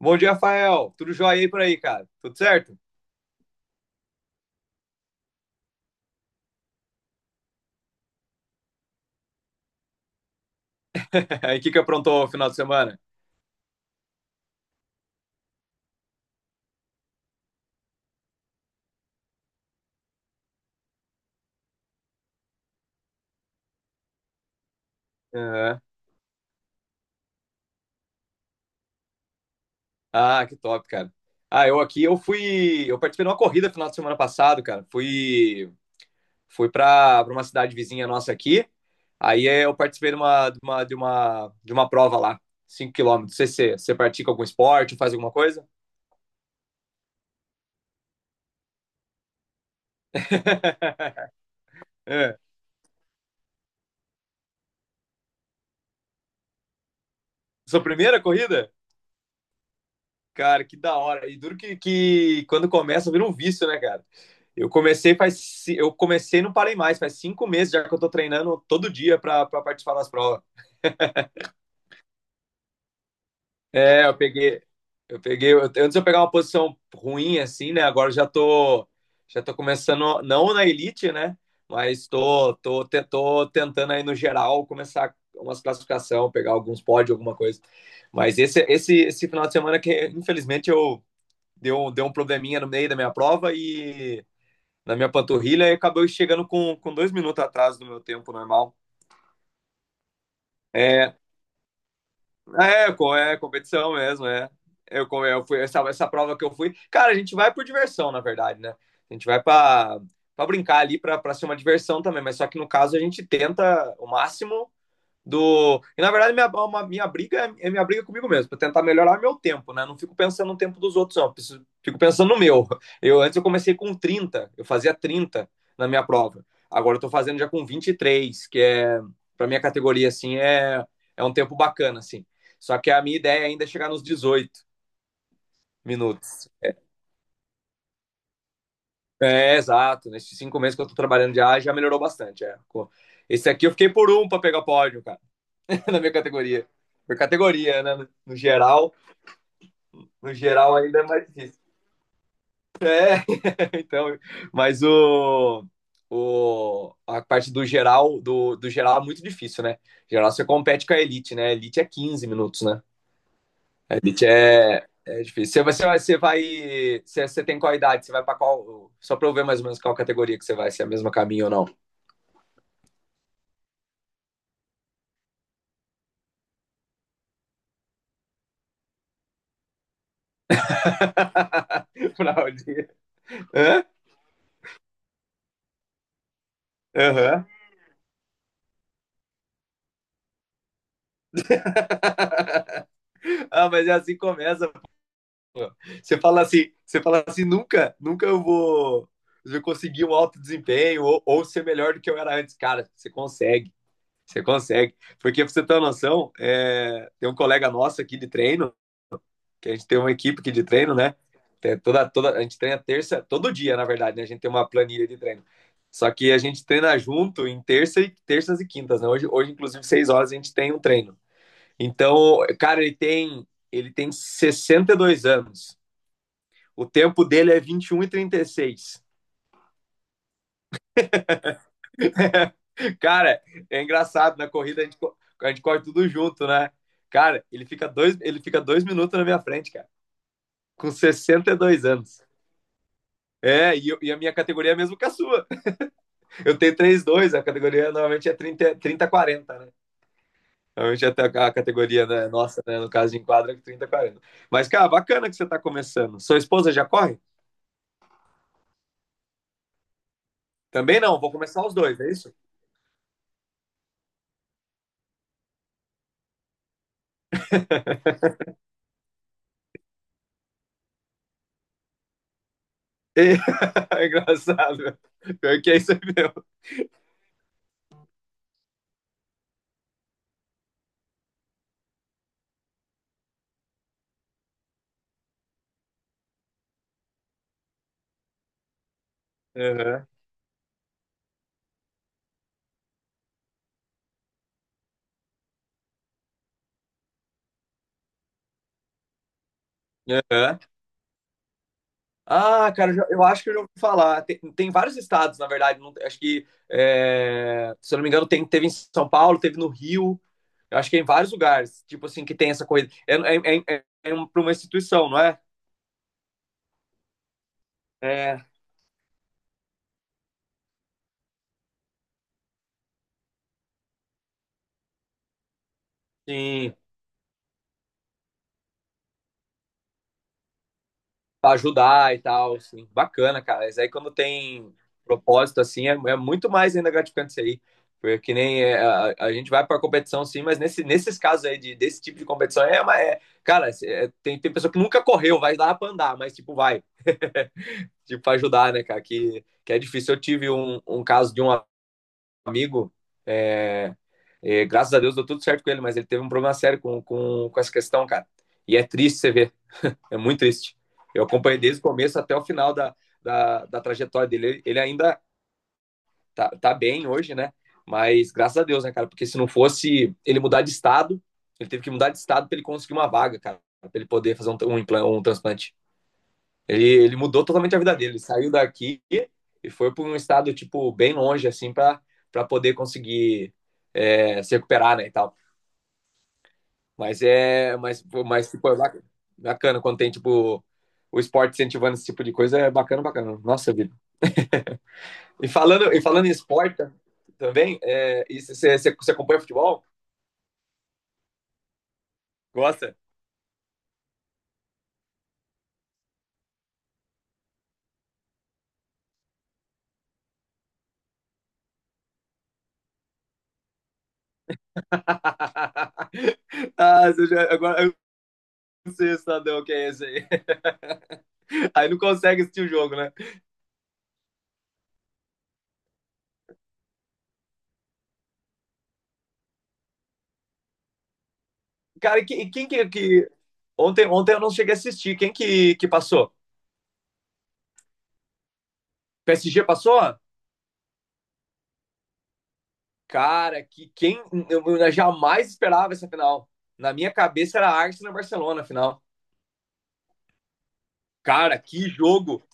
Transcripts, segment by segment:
Bom dia, Rafael. Tudo jóia aí por aí, cara? Tudo certo? E o que que aprontou o final de semana? Aham. Ah, que top, cara. Ah, eu aqui, eu participei de uma corrida final de semana passado, cara. Fui pra uma cidade vizinha nossa aqui. Aí eu participei de uma prova lá, 5 km. Você pratica algum esporte, faz alguma coisa? É. Sua primeira corrida? Cara, que da hora. E duro que quando começa vira um vício, né, cara? Eu comecei e não parei mais, faz 5 meses já que eu tô treinando todo dia pra participar das provas. É, antes eu pegar uma posição ruim assim, né? Agora eu já tô começando, não na elite, né? Mas tô tentando aí no geral começar umas classificação, pegar alguns pódios, alguma coisa. Mas esse final de semana que infelizmente eu deu um probleminha no meio da minha prova e na minha panturrilha e acabou chegando com 2 minutos atrás do meu tempo normal. É, é competição mesmo, é. Eu, co- eu fui, essa prova que eu fui. Cara, a gente vai por diversão, na verdade, né? A gente vai pra brincar ali, pra ser uma diversão também, mas só que no caso a gente tenta o máximo do. E na verdade, minha briga é minha briga comigo mesmo, para tentar melhorar meu tempo, né? Não fico pensando no tempo dos outros, não. Fico pensando no meu. Eu antes eu comecei com 30, eu fazia 30 na minha prova. Agora eu tô fazendo já com 23, que é para minha categoria assim é um tempo bacana assim. Só que a minha ideia ainda é chegar nos 18 minutos. É, exato. Nesses 5 meses que eu tô trabalhando, já melhorou bastante. É. Esse aqui eu fiquei por um para pegar pódio, cara, na minha categoria. Por categoria, né? No geral, ainda é mais difícil. Então, mas o, a parte do geral, do geral é muito difícil, né? Geral você compete com a elite, né? A elite é 15 minutos, né? A elite é difícil. Você vai. Você tem qual idade? Você vai para qual. Só para eu ver mais ou menos qual categoria que você vai, se é a mesma caminho ou não. Pra onde? Hã? Aham. Ah, mas é assim que começa. Você fala assim, nunca eu vou eu conseguir um alto desempenho ou, ser melhor do que eu era antes. Cara, você consegue, você consegue. Porque pra você ter uma noção, é, tem um colega nosso aqui de treino, que a gente tem uma equipe aqui de treino, né? Tem a gente treina terça, todo dia, na verdade, né? A gente tem uma planilha de treino. Só que a gente treina junto em terças e quintas, né? Hoje, inclusive, 6h a gente tem um treino. Então, cara, ele tem 62 anos. O tempo dele é vinte e um e 36. Cara, é engraçado, na corrida a gente corre tudo junto, né? Cara, ele fica 2 minutos na minha frente, cara, com 62 anos. É, e a minha categoria é a mesma que a sua. Eu tenho três dois, a categoria normalmente é 30 quarenta, né? Normalmente até a categoria, né, nossa, né, no caso de enquadra, é 30, 40. Mas, cara, bacana que você está começando. Sua esposa já corre? Também não, vou começar os dois, é isso? É. É engraçado. Pior que é isso aí mesmo. Aham, aham. Ah, cara, eu acho que eu já ouvi falar. Tem vários estados, na verdade. Acho que, é, se eu não me engano, teve em São Paulo, teve no Rio. Eu acho que é em vários lugares, tipo assim, que tem essa coisa. Pra uma instituição, não é? É, sim. Pra ajudar e tal, assim. Bacana, cara. Mas aí quando tem propósito, assim, é muito mais ainda gratificante isso aí. Porque que nem é, a gente vai pra competição, sim, mas nesses casos aí de, desse tipo de competição é uma. É, cara, é, tem pessoa que nunca correu, vai dar pra andar, mas tipo, vai. Tipo, pra ajudar, né, cara? Que é difícil. Eu tive um caso de um amigo. É, graças a Deus deu tudo certo com ele, mas ele teve um problema sério com essa questão, cara. E é triste você ver. É muito triste. Eu acompanhei desde o começo até o final da trajetória dele. Ele ainda tá bem hoje, né? Mas graças a Deus, né, cara? Porque se não fosse ele mudar de estado, ele teve que mudar de estado para ele conseguir uma vaga, cara, para ele poder fazer um transplante. Ele mudou totalmente a vida dele. Ele saiu daqui e foi para um estado, tipo, bem longe, assim, para poder conseguir se recuperar, né, e tal. Mas é, mas, pô, mas tipo, bacana quando tem tipo o esporte incentivando esse tipo de coisa, é bacana, bacana. Nossa vida. E falando, em esporte também, é, você acompanha futebol? Gosta? Ah, agora eu não sei o cidadão que é esse aí. Aí não consegue assistir o jogo, né? Cara, ontem, eu não cheguei a assistir. Quem que passou? PSG passou? Cara, eu jamais esperava essa final. Na minha cabeça era Arsenal e Barcelona a final. Cara, que jogo!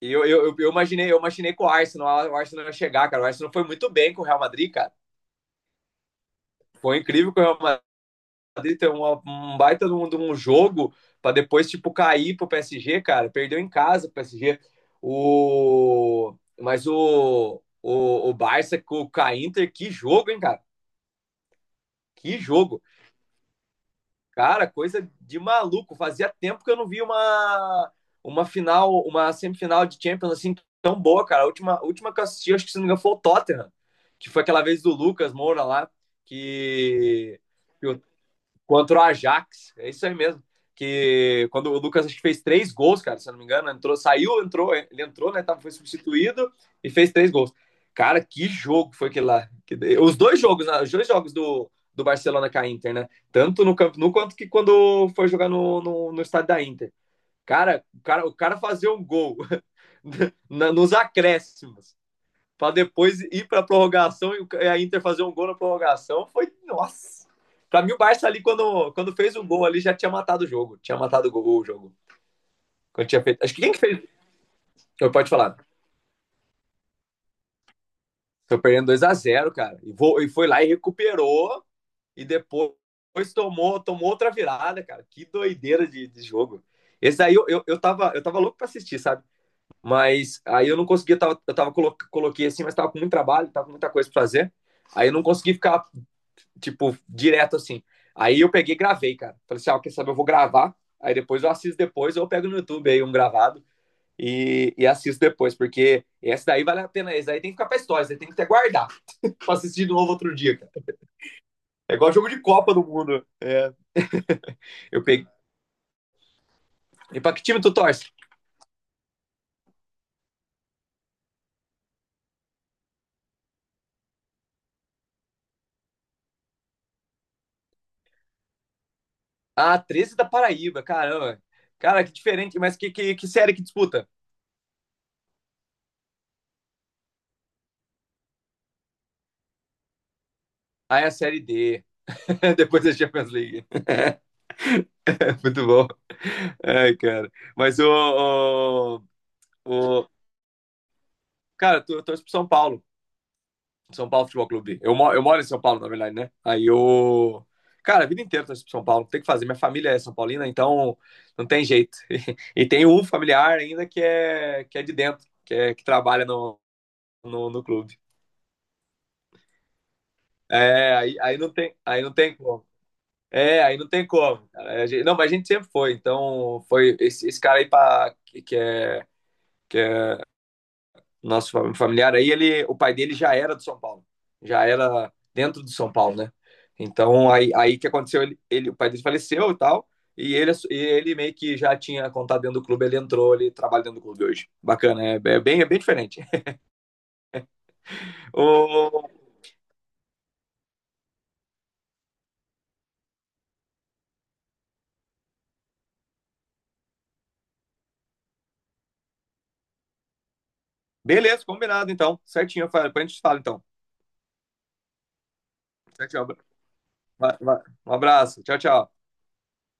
Eu imaginei com o Arsenal ia chegar, cara. O Arsenal foi muito bem com o Real Madrid, cara. Foi incrível que o Real Madrid ter um baita de um, jogo para depois, tipo, cair pro PSG, cara. Perdeu em casa pro PSG. O Barça com o Inter, que jogo, hein, cara? Que jogo! Cara, coisa de maluco. Fazia tempo que eu não vi uma final, uma semifinal de Champions assim tão boa, cara. A última que eu assisti, acho que se não me engano, foi o Tottenham, que foi aquela vez do Lucas Moura lá, que, que contra o Ajax. É isso aí mesmo. Que quando o Lucas acho que fez 3 gols, cara, se eu não me engano, entrou, saiu, entrou, ele entrou, né? Foi substituído e fez 3 gols. Cara, que jogo foi aquele lá. Os dois jogos, né, os dois jogos do Barcelona com a Inter, né? Tanto no Camp Nou quanto que quando foi jogar no estádio da Inter. Cara, o cara fazia um gol nos acréscimos para depois ir para a prorrogação e a Inter fazer um gol na prorrogação, foi nossa. Para mim o Barça ali quando fez o gol ali já tinha matado o jogo, tinha matado o jogo. Quando tinha feito, acho que quem que fez? Eu pode falar. Foi perdendo 2-0, cara. E foi lá e recuperou e depois tomou outra virada, cara. Que doideira de jogo. Esse aí eu tava louco pra assistir, sabe? Mas aí eu não conseguia, coloquei assim, mas tava com muito trabalho, tava com muita coisa pra fazer. Aí eu não consegui ficar tipo, direto assim. Aí eu peguei e gravei, cara. Falei assim, ah, quer saber, eu vou gravar, aí depois eu assisto depois, ou eu pego no YouTube aí um gravado e assisto depois, porque esse daí vale a pena, esse daí tem que ficar pra história, esse daí tem que até guardar pra assistir de novo outro dia, cara. É igual jogo de Copa do Mundo. É. Eu peguei. E pra que time tu torce? Ah, 13 da Paraíba, caramba. Cara, que diferente, mas que série que disputa? Ah, é a Série D. Depois da Champions League. Muito bom. Ai, cara. Mas o cara, eu torço pro São Paulo. São Paulo Futebol Clube. Eu, eu moro em São Paulo, na verdade, né? Aí eu. Cara, a vida inteira eu torço pro São Paulo. Não tem o que fazer. Minha família é São Paulina, então não tem jeito. E tem um familiar ainda que é, de dentro, que, que trabalha no clube. É, aí não tem como. É, aí não tem como, cara. Não, mas a gente sempre foi. Então, foi esse, cara aí que é nosso familiar aí, o pai dele já era do São Paulo, já era dentro do São Paulo, né? Então aí, que aconteceu, ele o pai dele faleceu e tal, e ele meio que já tinha contato dentro do clube, ele entrou, ele trabalha dentro do clube hoje. Bacana, é bem diferente. O, beleza, combinado então, certinho, depois a gente falar então. Certinho, um abraço, tchau, tchau.